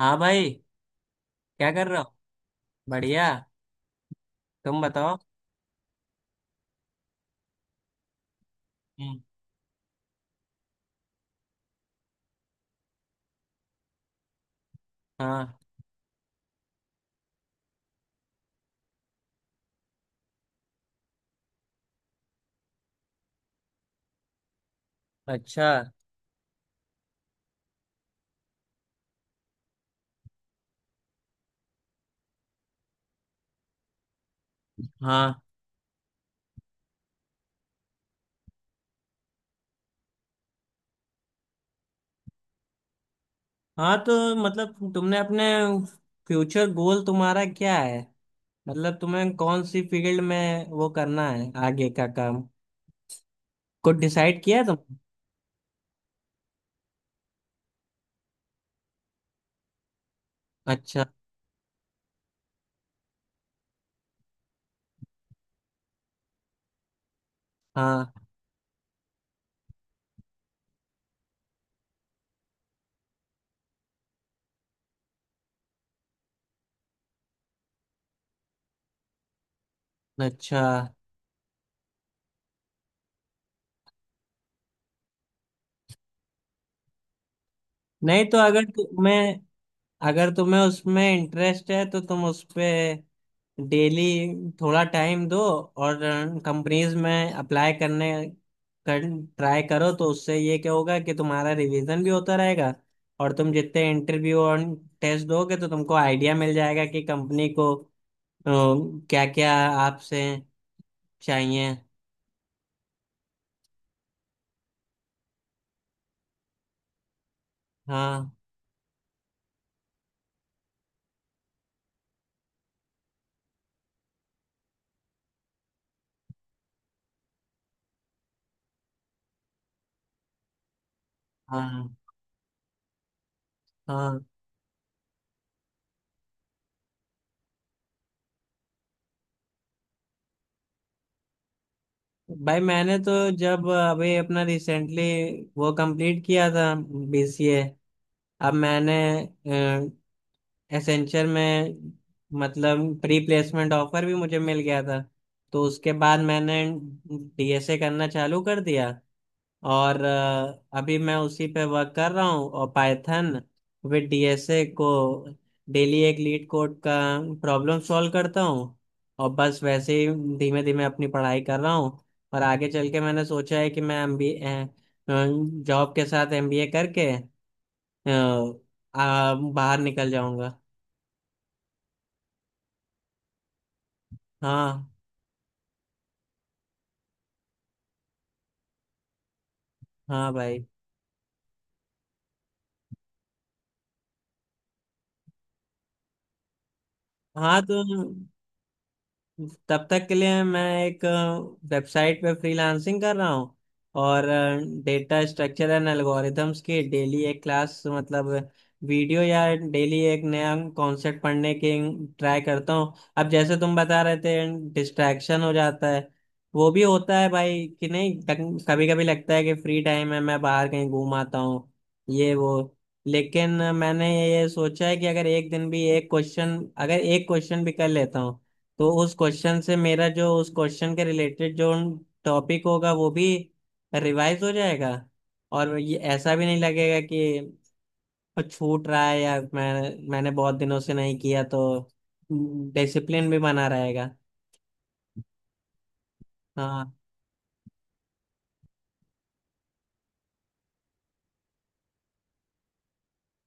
हाँ भाई। क्या कर रहे हो? बढ़िया। तुम बताओ। हम्म। हाँ। अच्छा। हाँ। हाँ तो मतलब तुमने अपने फ्यूचर गोल तुम्हारा क्या है? मतलब तुम्हें कौन सी फील्ड में वो करना है आगे का काम? कुछ डिसाइड किया तुमने? अच्छा। हाँ। अच्छा। नहीं तो अगर तुम्हें उसमें इंटरेस्ट है तो तुम उस पे डेली थोड़ा टाइम दो और कंपनीज में अप्लाई करने कर ट्राई करो तो उससे ये क्या होगा कि तुम्हारा रिवीजन भी होता रहेगा और तुम जितने इंटरव्यू और टेस्ट दोगे तो तुमको आइडिया मिल जाएगा कि कंपनी को क्या क्या आपसे चाहिए। हाँ हाँ। हाँ भाई मैंने तो जब अभी अपना रिसेंटली वो कंप्लीट किया था बीसीए। अब मैंने एसेंचर में मतलब प्री प्लेसमेंट ऑफर भी मुझे मिल गया था तो उसके बाद मैंने डीएसए करना चालू कर दिया और अभी मैं उसी पे वर्क कर रहा हूँ और पाइथन विद डीएसए को डेली एक लीड कोड का प्रॉब्लम सॉल्व करता हूँ और बस वैसे ही धीमे धीमे अपनी पढ़ाई कर रहा हूँ। और आगे चल के मैंने सोचा है कि मैं एमबीए जॉब के साथ एमबीए करके अ, बाहर निकल जाऊंगा। हाँ। हाँ भाई। हाँ तो तब तक के लिए मैं एक वेबसाइट पे फ्रीलांसिंग कर रहा हूँ और डेटा स्ट्रक्चर एंड एल्गोरिथम्स की डेली एक क्लास मतलब वीडियो या डेली एक नया कॉन्सेप्ट पढ़ने की ट्राई करता हूँ। अब जैसे तुम बता रहे थे डिस्ट्रैक्शन हो जाता है, वो भी होता है भाई कि नहीं? कभी कभी लगता है कि फ्री टाइम है, मैं बाहर कहीं घूम आता हूँ ये वो। लेकिन मैंने ये सोचा है कि अगर एक दिन भी एक क्वेश्चन अगर एक क्वेश्चन भी कर लेता हूँ तो उस क्वेश्चन से मेरा जो उस क्वेश्चन के रिलेटेड जो टॉपिक होगा वो भी रिवाइज हो जाएगा। और ये ऐसा भी नहीं लगेगा कि छूट रहा है या मैंने बहुत दिनों से नहीं किया, तो डिसिप्लिन भी बना रहेगा। हाँ।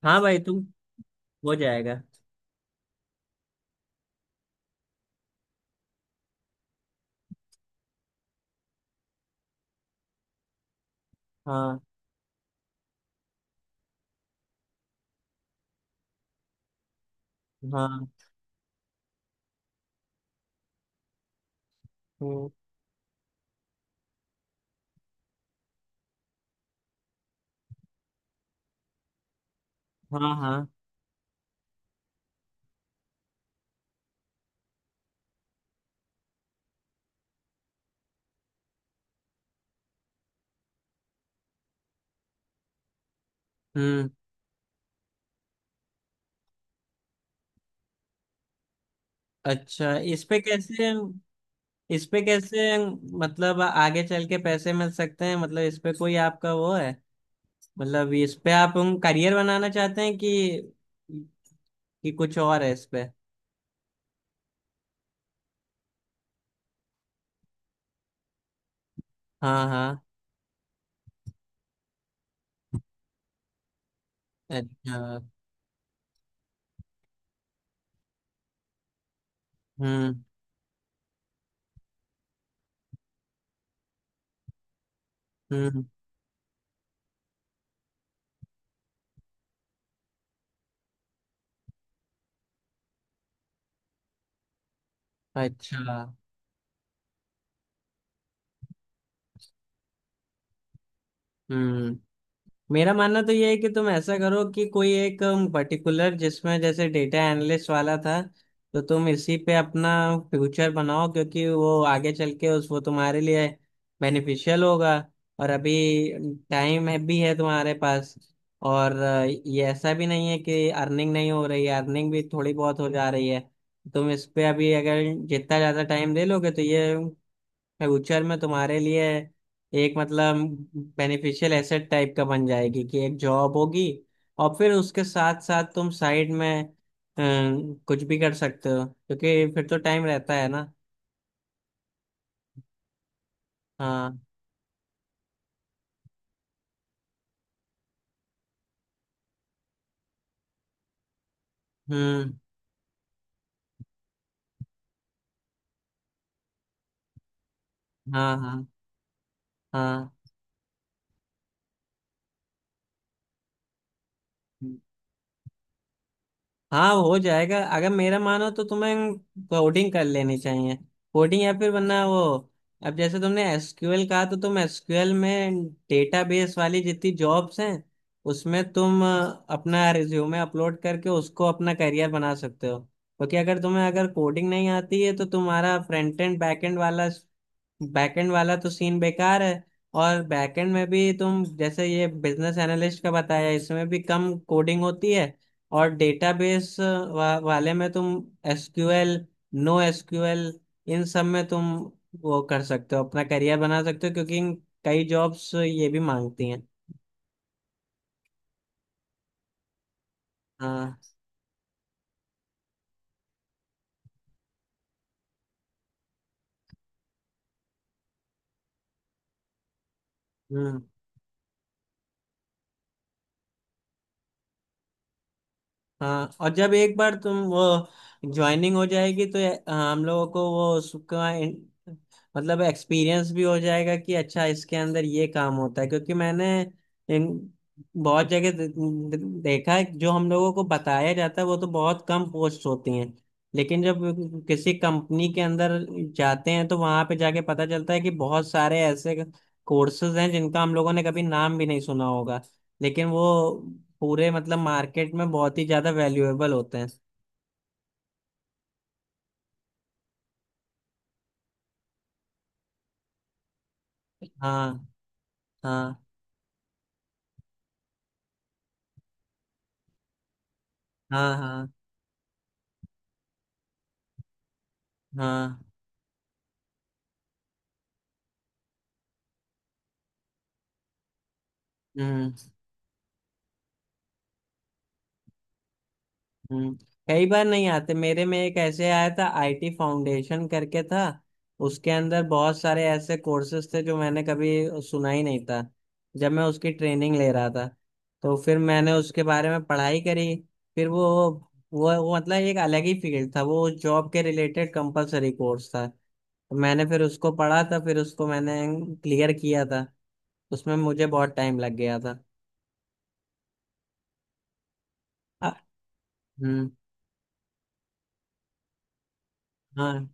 हाँ भाई तू हो जाएगा। हाँ। हाँ। हम्म। हाँ। हाँ। हम्म। अच्छा, इस पे कैसे? इस पे कैसे? मतलब आगे चल के पैसे मिल सकते हैं? मतलब इस पे कोई आपका वो है? मतलब इस पे आप हम करियर बनाना चाहते हैं कि कुछ और है इस पे? हाँ। हाँ। अच्छा। हम्म। हम्म। अच्छा। हम्म। मेरा मानना तो ये है कि तुम ऐसा करो कि कोई एक पर्टिकुलर जिसमें जैसे डेटा एनालिस्ट वाला था तो तुम इसी पे अपना फ्यूचर बनाओ क्योंकि वो आगे चल के उस वो तुम्हारे लिए बेनिफिशियल होगा। और अभी टाइम है तुम्हारे पास। और ये ऐसा भी नहीं है कि अर्निंग नहीं हो रही है, अर्निंग भी थोड़ी बहुत हो जा रही है। तुम इस पे अभी अगर जितना ज़्यादा टाइम दे लोगे तो ये फ्यूचर में तुम्हारे लिए एक मतलब बेनिफिशियल एसेट टाइप का बन जाएगी कि एक जॉब होगी। और फिर उसके साथ साथ तुम साइड में कुछ भी कर सकते हो क्योंकि फिर तो टाइम रहता है ना। हाँ। हम्म। हाँ। हाँ। हाँ। हाँ हो जाएगा। अगर मेरा मानो तो तुम्हें कोडिंग कर लेनी चाहिए। कोडिंग या फिर वरना वो अब जैसे तुमने एसक्यूएल कहा तो तुम एसक्यूएल में डेटाबेस वाली जितनी जॉब्स हैं उसमें तुम अपना रिज्यूमे अपलोड करके उसको अपना करियर बना सकते हो। क्योंकि अगर तुम्हें अगर कोडिंग नहीं आती है तो तुम्हारा फ्रंट एंड बैक एंड वाला बैकएंड वाला तो सीन बेकार है। और बैकएंड में भी तुम जैसे ये बिजनेस एनालिस्ट का बताया इसमें भी कम कोडिंग होती है। और डेटाबेस वाले में तुम एसक्यूएल, नो एसक्यूएल इन सब में तुम वो कर सकते हो, अपना करियर बना सकते हो क्योंकि कई जॉब्स ये भी मांगती हैं। हाँ। हम्म। हाँ। और जब एक बार तुम वो ज्वाइनिंग हो जाएगी तो हाँ, हम लोगों को वो उसका मतलब एक्सपीरियंस भी हो जाएगा कि अच्छा इसके अंदर ये काम होता है। क्योंकि मैंने इन बहुत जगह दे- दे- देखा है जो हम लोगों को बताया जाता है वो तो बहुत कम पोस्ट होती हैं, लेकिन जब किसी कंपनी के अंदर जाते हैं तो वहां पे जाके पता चलता है कि बहुत सारे ऐसे कोर्सेज हैं जिनका हम लोगों ने कभी नाम भी नहीं सुना होगा लेकिन वो पूरे मतलब मार्केट में बहुत ही ज्यादा वैल्यूएबल होते हैं। हाँ। हाँ। हाँ हाँ हाँ हम्म हम्म। कई बार नहीं आते। मेरे में एक ऐसे आया था, आईटी फाउंडेशन करके था। उसके अंदर बहुत सारे ऐसे कोर्सेज थे जो मैंने कभी सुना ही नहीं था। जब मैं उसकी ट्रेनिंग ले रहा था तो फिर मैंने उसके बारे में पढ़ाई करी। फिर वो मतलब एक अलग ही फील्ड था, वो जॉब के रिलेटेड कंपलसरी कोर्स था। तो मैंने फिर उसको पढ़ा था, फिर उसको मैंने क्लियर किया था। उसमें मुझे बहुत टाइम लग गया था। आ- हम्म। हाँ।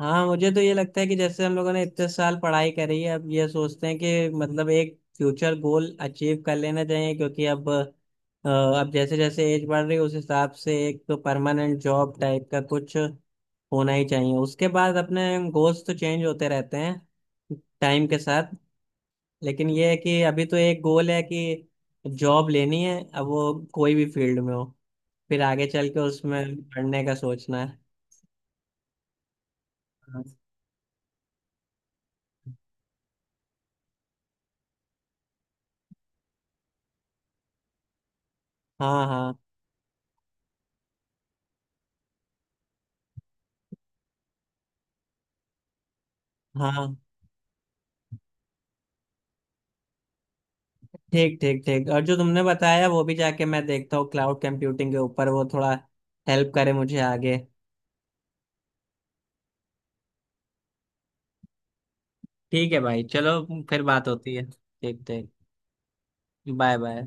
हाँ मुझे तो ये लगता है कि जैसे हम लोगों ने इतने साल पढ़ाई करी है अब ये सोचते हैं कि मतलब एक फ्यूचर गोल अचीव कर लेना चाहिए क्योंकि अब जैसे जैसे एज बढ़ रही है उस हिसाब से एक तो परमानेंट जॉब टाइप का कुछ होना ही चाहिए। उसके बाद अपने गोल्स तो चेंज होते रहते हैं टाइम के साथ। लेकिन ये है कि अभी तो एक गोल है कि जॉब लेनी है, अब वो कोई भी फील्ड में हो, फिर आगे चल के उसमें पढ़ने का सोचना है। हाँ। हाँ हाँ ठीक ठीक ठीक। और जो तुमने बताया वो भी जाके मैं देखता हूँ, क्लाउड कंप्यूटिंग के ऊपर, वो थोड़ा हेल्प करे मुझे आगे। ठीक है भाई चलो, फिर बात होती है। ठीक ठीक। Bye bye.